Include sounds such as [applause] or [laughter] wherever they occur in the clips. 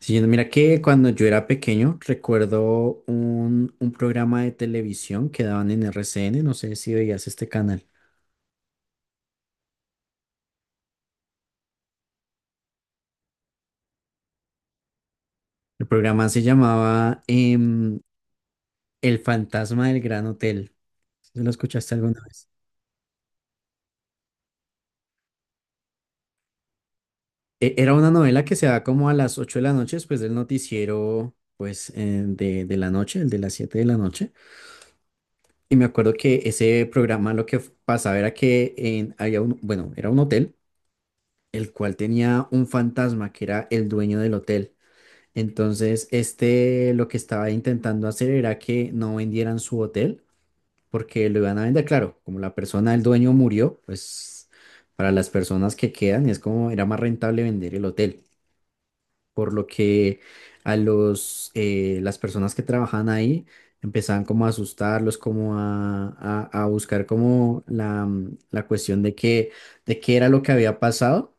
Sí, mira que cuando yo era pequeño recuerdo un programa de televisión que daban en RCN, no sé si veías este canal. El programa se llamaba El fantasma del Gran Hotel. ¿Sí? ¿Lo escuchaste alguna vez? Era una novela que se daba como a las 8 de la noche después del noticiero pues de la noche, el de las 7 de la noche. Y me acuerdo que ese programa lo que pasaba era que había un, bueno, era un hotel, el cual tenía un fantasma que era el dueño del hotel. Entonces, este lo que estaba intentando hacer era que no vendieran su hotel, porque lo iban a vender, claro, como la persona, el dueño murió, pues para las personas que quedan es como era más rentable vender el hotel, por lo que a los, las personas que trabajaban ahí empezaban como a asustarlos, como a buscar como la cuestión de qué era lo que había pasado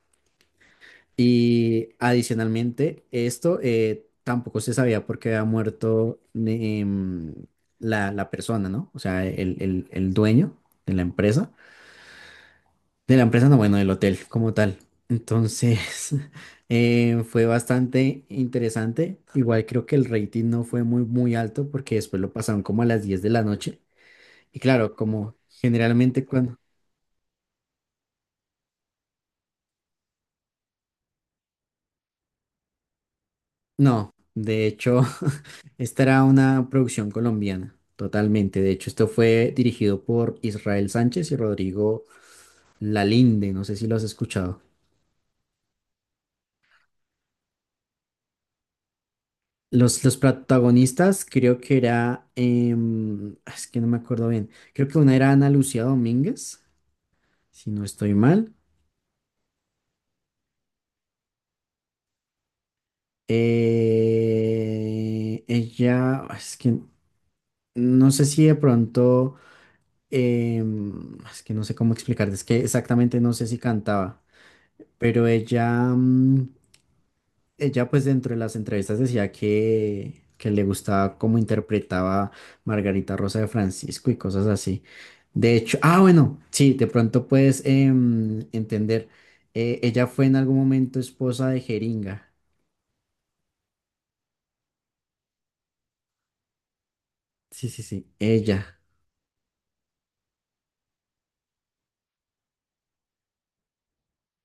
y adicionalmente, esto tampoco se sabía por qué había muerto la persona, ¿no? O sea, el dueño de la empresa. De la empresa, no, bueno, del hotel como tal. Entonces, [laughs] fue bastante interesante. Igual creo que el rating no fue muy alto porque después lo pasaron como a las 10 de la noche. Y claro, como generalmente cuando... No, de hecho, [laughs] esta era una producción colombiana, totalmente. De hecho, esto fue dirigido por Israel Sánchez y Rodrigo Lalinde, no sé si lo has escuchado. Los protagonistas creo que era, es que no me acuerdo bien, creo que una era Ana Lucía Domínguez, si no estoy mal. Es que no sé si de pronto, es que no sé cómo explicarte, es que exactamente no sé si cantaba. Pero ella, ella pues dentro de las entrevistas decía que le gustaba cómo interpretaba Margarita Rosa de Francisco y cosas así. De hecho, bueno, sí, de pronto puedes entender. Ella fue en algún momento esposa de Jeringa. Sí, sí, sí, ella. [laughs]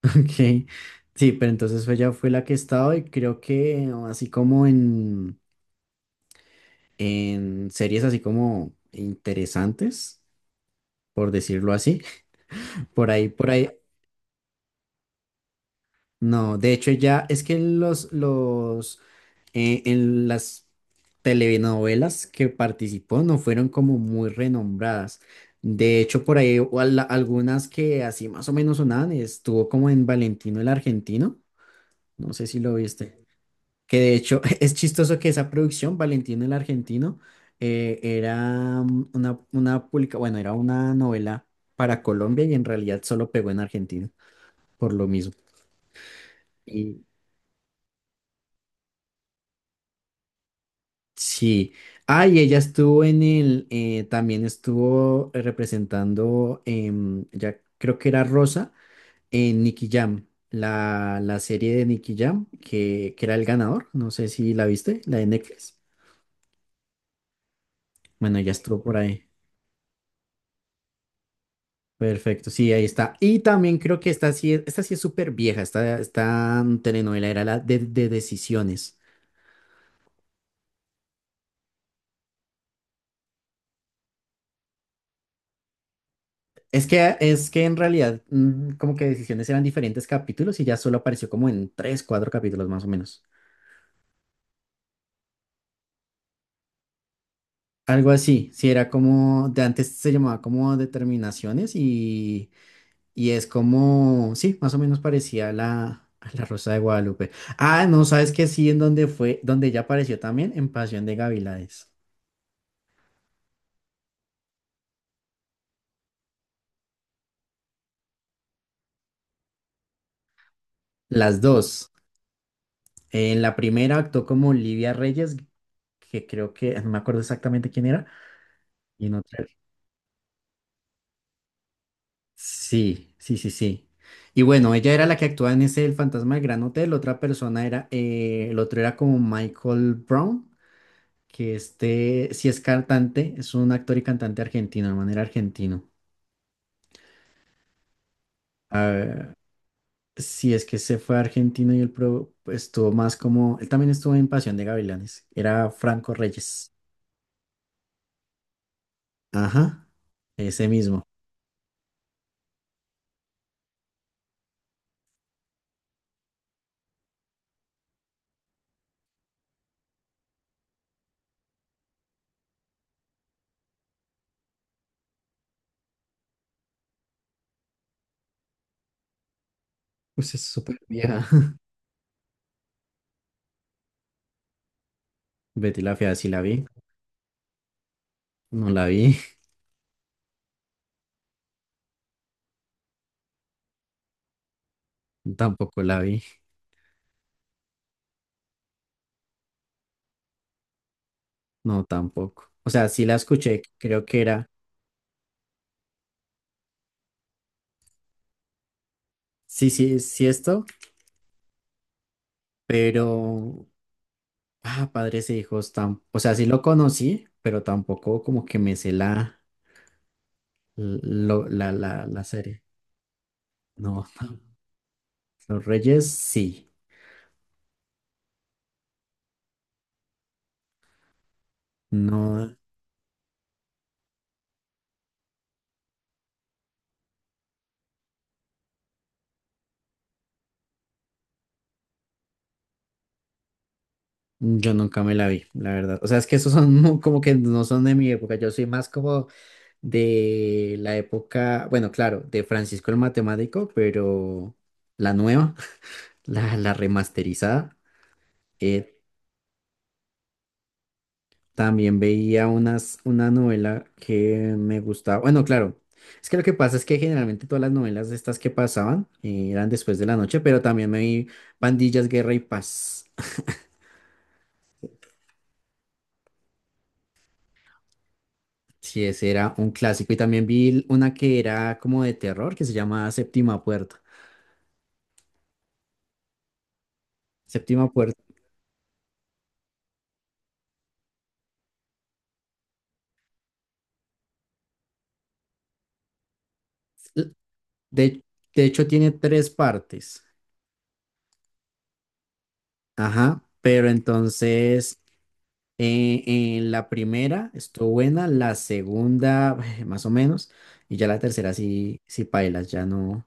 Ok. Sí, pero entonces ella fue la que estaba y creo que así como en series así como interesantes, por decirlo así. Por ahí, por ahí. No, de hecho ya es que en las telenovelas que participó no fueron como muy renombradas. De hecho, por ahí o algunas que así más o menos sonaban, estuvo como en Valentino el Argentino, no sé si lo viste. Que de hecho [laughs] es chistoso que esa producción, Valentino el Argentino, era una publica, bueno, era una novela para Colombia y en realidad solo pegó en Argentina, por lo mismo. Sí. Ah, y ella estuvo en también estuvo representando, ya creo que era Rosa, en Nicky Jam, la serie de Nicky Jam, que era el ganador, no sé si la viste, la de Netflix. Bueno, ella estuvo por ahí. Perfecto, sí, ahí está. Y también creo que esta sí, esta sí es súper vieja, esta telenovela era la de Decisiones. Es que en realidad como que Decisiones eran diferentes capítulos y ya solo apareció como en tres, cuatro capítulos más o menos. Algo así, sí, era como, de antes se llamaba como determinaciones y es como, sí, más o menos parecía a a la Rosa de Guadalupe. Ah, no, ¿sabes que sí, en donde fue, donde ella apareció también, en Pasión de Gavilanes. Las dos. En la primera actuó como Olivia Reyes, que creo que, no me acuerdo exactamente quién era, y en otra. Sí, sí, sí, sí. Y bueno, ella era la que actuaba en ese El Fantasma del Gran Hotel, otra persona era, el otro era como Michael Brown que este, si es cantante, es un actor y cantante argentino, de manera argentino. Ah, si es que se fue a Argentina y él estuvo más como, él también estuvo en Pasión de Gavilanes, era Franco Reyes. Ajá, ese mismo. Pues es súper vieja. [laughs] Betty la Fea sí la vi, no la vi, [laughs] tampoco la vi, no tampoco. O sea, sí la escuché, creo que era, sí, sí, sí esto, pero ah, Padres e Hijos, o sea, sí lo conocí, pero tampoco como que me sé la, la serie. No, [laughs] Los Reyes sí, no, yo nunca me la vi, la verdad. O sea, es que esos son [laughs] como que no son de mi época, yo soy más como de la época, bueno, claro, de Francisco el Matemático, pero la nueva, [laughs] la remasterizada. eh, También veía una novela que me gustaba. Bueno, claro, es que lo que pasa es que generalmente todas las novelas estas que pasaban eran después de la noche, pero también me vi Pandillas, Guerra y Paz. [laughs] Sí, ese era un clásico. Y también vi una que era como de terror, que se llamaba Séptima Puerta. Séptima Puerta. l- De, de hecho, tiene tres partes. Ajá. Pero entonces en la primera estuvo buena, la segunda [sighs] más o menos, y ya la tercera sí, sí pailas, ya no,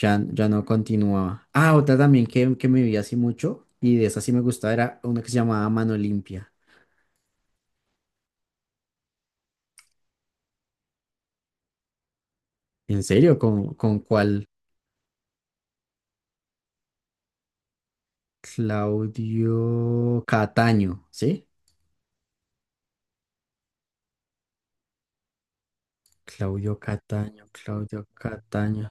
ya no continuaba. Ah, otra también que me vi así mucho, y de esa sí me gustaba, era una que se llamaba Mano Limpia. ¿En serio? Con cuál? Claudio Cataño, ¿sí? Claudio Cataño, Claudio Cataño.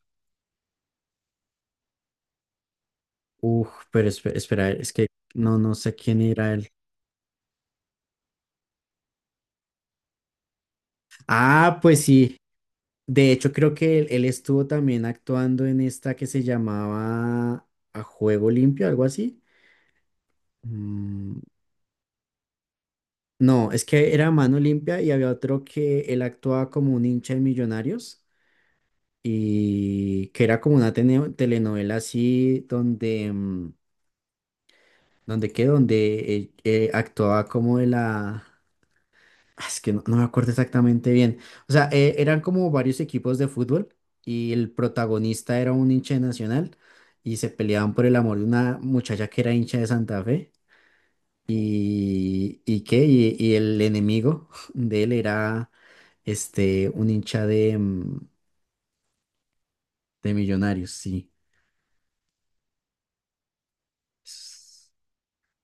Uf, pero espera, es que no, no sé quién era él. Ah, pues sí. De hecho, creo que él estuvo también actuando en esta que se llamaba A Juego Limpio, algo así. Mm, no, es que era Mano Limpia y había otro que él actuaba como un hincha de Millonarios y que era como una telenovela así donde, donde qué, donde actuaba como de la. Ah, es que no, no me acuerdo exactamente bien. O sea, eran como varios equipos de fútbol y el protagonista era un hincha de Nacional y se peleaban por el amor de una muchacha que era hincha de Santa Fe y qué, y el enemigo [laughs] de él era este, un hincha de, de Millonarios, sí. S-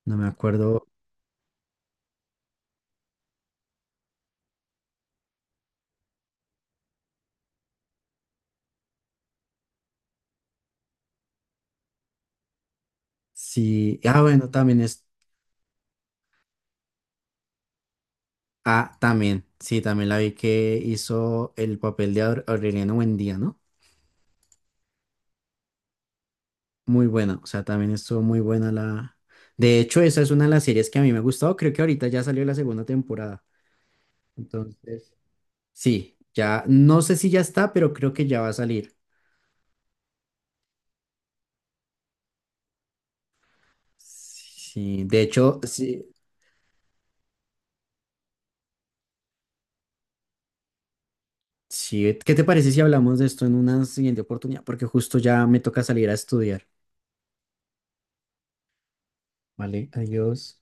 No me acuerdo si... Ah, bueno, también es... Ah, también, sí, también la vi que hizo el papel de Aureliano Buendía, ¿no? Muy buena, o sea, también estuvo muy buena la... De hecho, esa es una de las series que a mí me ha gustado, creo que ahorita ya salió la segunda temporada. Entonces, sí, ya, no sé si ya está, pero creo que ya va a salir. Sí, de hecho, sí, sí, ¿qué te parece si hablamos de esto en una siguiente oportunidad? Porque justo ya me toca salir a estudiar. Vale, adiós.